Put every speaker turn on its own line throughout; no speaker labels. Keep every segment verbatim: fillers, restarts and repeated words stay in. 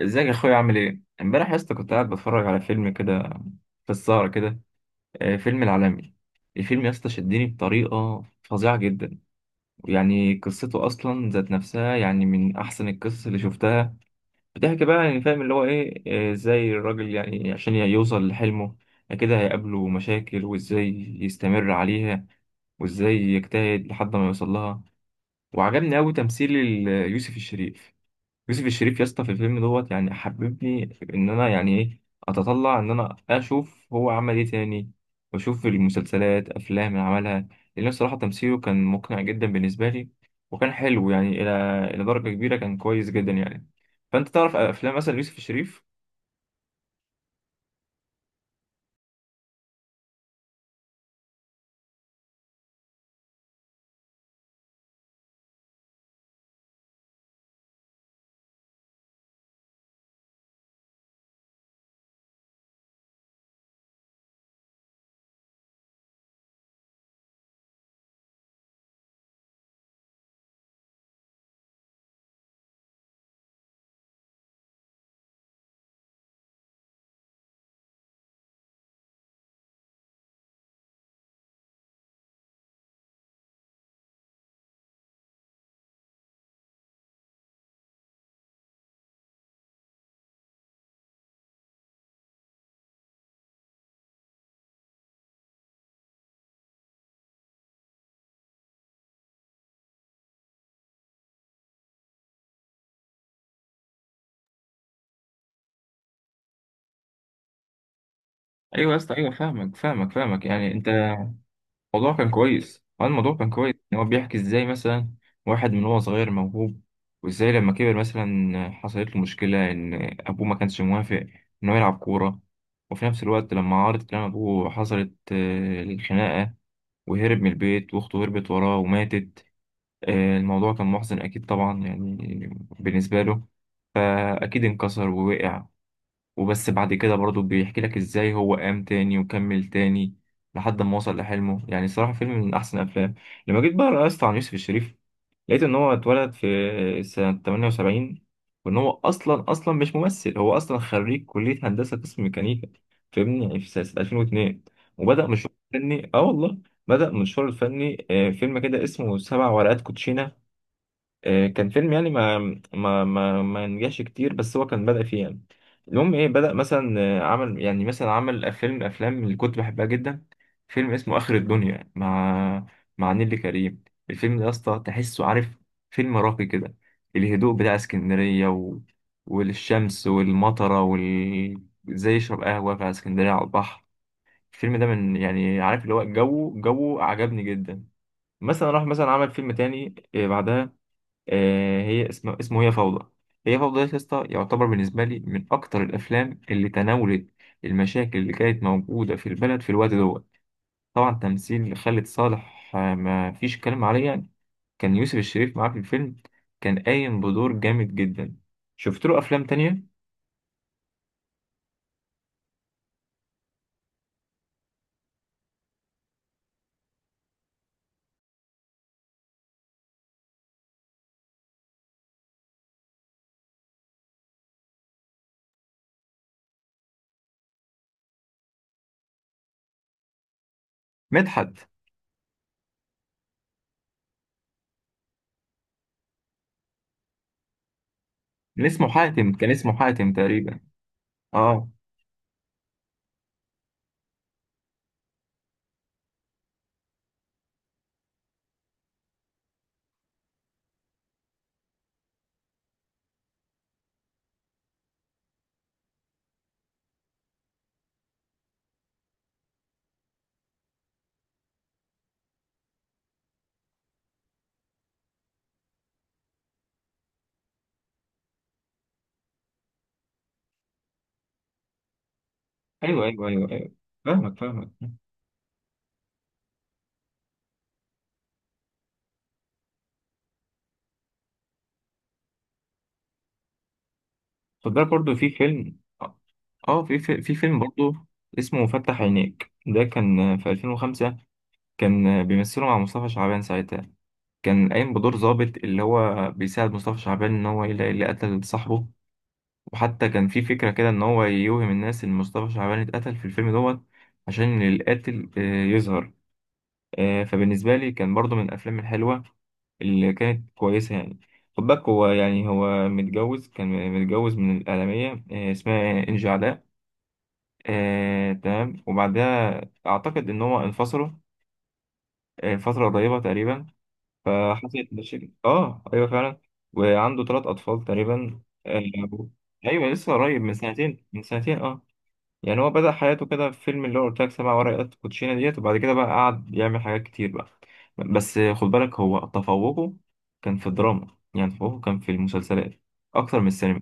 ازيك يا اخويا؟ عامل ايه؟ امبارح يا اسطى كنت قاعد بتفرج على فيلم كده في السهرة كده. آه، فيلم العالمي. الفيلم يا اسطى شدني بطريقة فظيعة جدا. يعني قصته اصلا ذات نفسها يعني من احسن القصص اللي شفتها. بتحكي بقى يعني فاهم اللي هو ايه. آه، ازاي الراجل يعني عشان يوصل لحلمه كده هيقابله مشاكل، وازاي يستمر عليها، وازاي يجتهد لحد ما يوصل لها. وعجبني قوي تمثيل ال- يوسف الشريف. يوسف الشريف يا اسطى في الفيلم دوت يعني حببني ان انا يعني ايه اتطلع ان انا اشوف هو عمل ايه تاني، واشوف المسلسلات افلام اللي عملها. لان الصراحه تمثيله كان مقنع جدا بالنسبه لي، وكان حلو يعني الى الى درجه كبيره، كان كويس جدا يعني. فانت تعرف افلام مثلا يوسف الشريف؟ ايوه يا اسطى، ايوه، فاهمك فاهمك فاهمك يعني انت. الموضوع كان كويس، اه الموضوع كان كويس ان هو بيحكي ازاي مثلا واحد من هو صغير موهوب، وازاي لما كبر مثلا حصلت له مشكلة ان ابوه ما كانش موافق ان هو يلعب كورة. وفي نفس الوقت لما عارض كلام ابوه حصلت آه، الخناقة، وهرب من البيت، واخته هربت وراه وماتت. آه، الموضوع كان محزن اكيد طبعا يعني بالنسبة له. فاكيد انكسر ووقع، وبس بعد كده برضه بيحكي لك ازاي هو قام تاني وكمل تاني لحد ما وصل لحلمه. يعني صراحة فيلم من أحسن الأفلام. لما جيت بقى رأست عن يوسف الشريف، لقيت إن هو اتولد في سنة ثمانية وسبعين، وإن هو أصلا أصلا مش ممثل، هو أصلا خريج كلية هندسة قسم ميكانيكا فاهمني، يعني في سنة ألفين واتنين وبدأ مشواره الفني. آه والله بدأ مشواره الفني آه، فيلم كده اسمه سبع ورقات كوتشينة. آه، كان فيلم يعني ما ما ما ما نجحش كتير، بس هو كان بدأ فيه يعني. المهم ايه، بدأ مثلا آه، عمل يعني مثلا عمل فيلم افلام اللي كنت بحبها جدا. فيلم اسمه آخر الدنيا مع مع نيللي كريم. الفيلم ده يا اسطى تحسه عارف فيلم راقي كده. الهدوء بتاع اسكندرية و... والشمس والمطرة وال زي يشرب قهوة في اسكندرية على البحر. الفيلم ده من يعني عارف اللي هو جو، جو عجبني جدا. مثلا راح مثلا عمل فيلم تاني آه، بعدها. آه، هي اسمه اسمه هي فوضى. هي فوضى ده يا اسطى يعتبر بالنسبة لي من أكتر الأفلام اللي تناولت المشاكل اللي كانت موجودة في البلد في الوقت دوت. طبعا تمثيل خالد صالح آه، ما فيش كلام عليه يعني. كان يوسف الشريف معاه في الفيلم، كان قايم بدور جامد جدا. شفت له أفلام تانية. مدحت، اللي اسمه حاتم، كان اسمه حاتم تقريبا. اه، ايوه ايوه ايوه ايوه، فاهمك فاهمك. خد بالك برضه في فيلم، اه في في في فيلم برضه اسمه فتح عينيك، ده كان في ألفين وخمسة. كان بيمثله مع مصطفى شعبان ساعتها، كان قايم بدور ضابط اللي هو بيساعد مصطفى شعبان ان هو يلاقي اللي قتل صاحبه. وحتى كان في فكرة كده ان هو يوهم الناس ان مصطفى شعبان اتقتل في الفيلم دوت عشان القاتل آه، يظهر. آه، فبالنسبة لي كان برضو من الأفلام الحلوة اللي كانت كويسة يعني. خد بالك هو يعني هو متجوز، كان متجوز من الإعلامية آه، اسمها إنجي علاء. آه، تمام، وبعدها أعتقد إن هو انفصلوا آه، فترة قريبة تقريبا. فحصلت مشاكل آه أيوه فعلا. وعنده ثلاث أطفال تقريبا آه، أيوه لسه قريب، من سنتين، من سنتين آه يعني. هو بدأ حياته كده في فيلم اللي هو قلت لك سبع ورقات كوتشينة ديت، وبعد كده بقى قعد يعمل حاجات كتير بقى. بس خد بالك هو تفوقه كان في الدراما، يعني تفوقه كان في المسلسلات أكتر من السينما.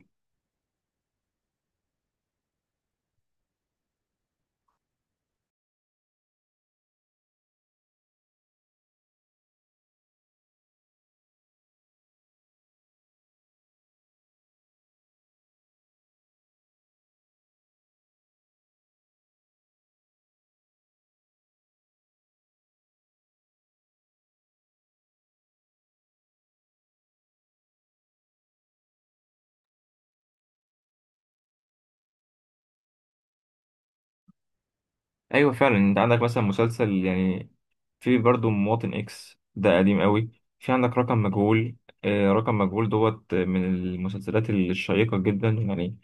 أيوة فعلا. أنت عندك مثلا مسلسل يعني، في برضو مواطن اكس، ده قديم قوي. في عندك رقم مجهول، آه، رقم مجهول دوت من المسلسلات الشيقة جدا يعني،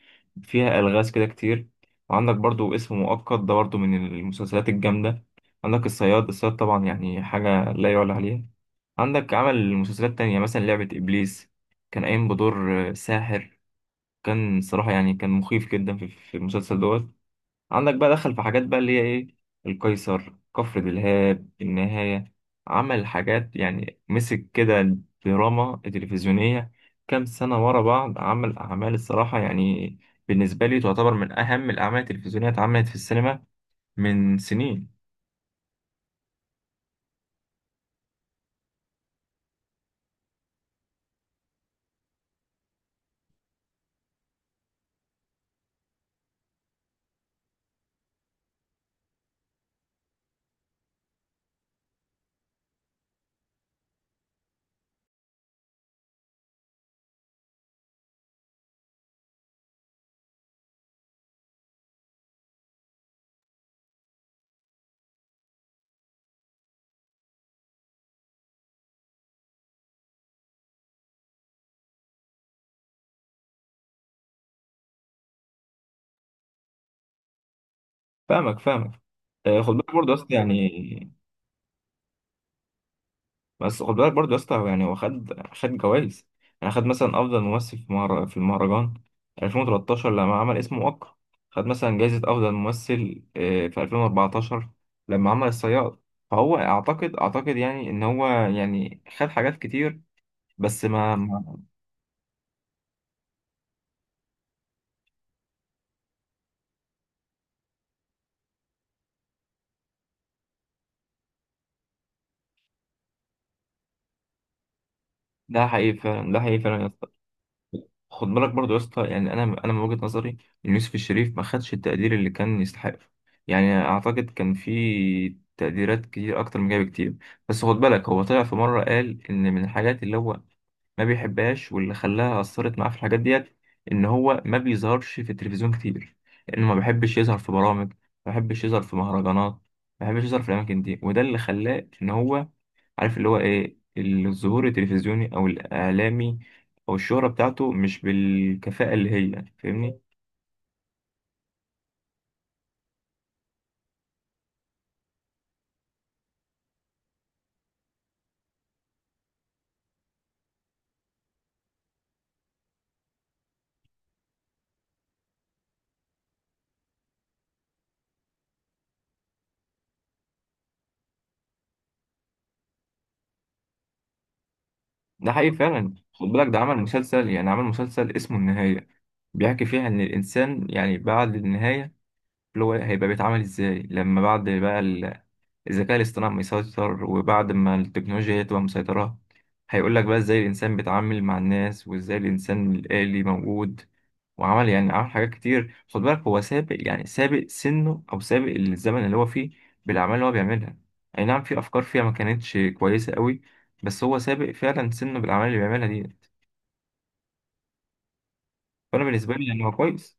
فيها ألغاز كده كتير. وعندك برضو اسم مؤقت، ده برضو من المسلسلات الجامدة. عندك الصياد، الصياد طبعا يعني حاجة لا يعلى عليها. عندك عمل مسلسلات تانية مثلا لعبة إبليس، كان قايم بدور آه، ساحر. كان صراحة يعني كان مخيف جدا في في المسلسل دوت. عندك بقى دخل في حاجات بقى اللي هي ايه، القيصر، كفر دلهاب، النهاية. عمل حاجات يعني مسك كده دراما تلفزيونية كام سنة ورا بعض. عمل أعمال الصراحة يعني بالنسبة لي تعتبر من أهم الأعمال التلفزيونية اتعملت في السينما من سنين. فاهمك فاهمك. آه، خد بالك برضه أصل يعني، بس خد بالك برضه يا اسطى هو يعني هو خد خد جوائز. يعني خد مثلا افضل ممثل في مهر... في المهرجان ألفين وتلتاشر لما عمل اسمه وقع. خد مثلا جائزة افضل ممثل آه، في ألفين واربعتاشر لما عمل الصياد. فهو اعتقد اعتقد يعني ان هو يعني خد حاجات كتير، بس ما ما- ده حقيقي فعلا، ده حقيقي فعلا يا اسطى. خد بالك برضه يا اسطى، يعني انا انا من وجهة نظري ان يوسف الشريف ما خدش التقدير اللي كان يستحقه. يعني اعتقد كان في تقديرات كتير اكتر من كده بكتير. بس خد بالك هو طلع في مرة قال ان من الحاجات اللي هو ما بيحبهاش واللي خلاها اثرت معاه في الحاجات ديت ان هو ما بيظهرش في التلفزيون كتير، لانه ما بيحبش يظهر في برامج، ما بيحبش يظهر في مهرجانات، ما بيحبش يظهر في الاماكن دي. وده اللي خلاه ان هو عارف اللي هو ايه، الظهور التلفزيوني او الاعلامي او الشهرة بتاعته مش بالكفاءة اللي هي فاهمني. ده حقيقي فعلا. خد بالك ده عمل مسلسل، يعني عمل مسلسل اسمه النهاية، بيحكي فيها ان الانسان يعني بعد النهاية اللي هو هيبقى بيتعامل ازاي لما بعد بقى ال- الذكاء الاصطناعي مسيطر، وبعد ما التكنولوجيا هي تبقى مسيطرة. هيقول لك بقى ازاي الانسان بيتعامل مع الناس، وازاي الانسان الآلي موجود. وعمل يعني عمل حاجات كتير. خد بالك هو سابق يعني سابق سنه او سابق الزمن اللي هو فيه بالاعمال اللي هو بيعملها. اي نعم في افكار فيها ما كانتش كويسه قوي، بس هو سابق فعلا سنه بالاعمال اللي بيعملها دي. فانا بالنسبه لي يعني هو كويس.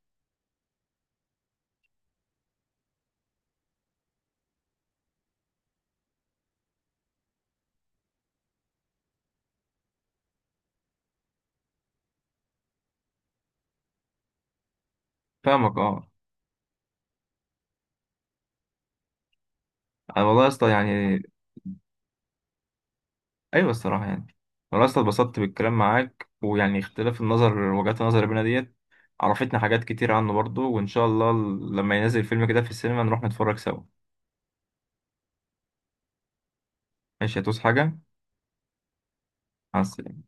فاهمك اه. انا والله يا اسطى يعني ايوه الصراحه يعني. والله يا اسطى اتبسطت بالكلام معاك، ويعني اختلاف النظر وجهات النظر بينا ديت عرفتنا حاجات كتير عنه برضو. وان شاء الله لما ينزل فيلم كده في السينما نروح نتفرج سوا. ماشي، هتوس حاجه. مع السلامة.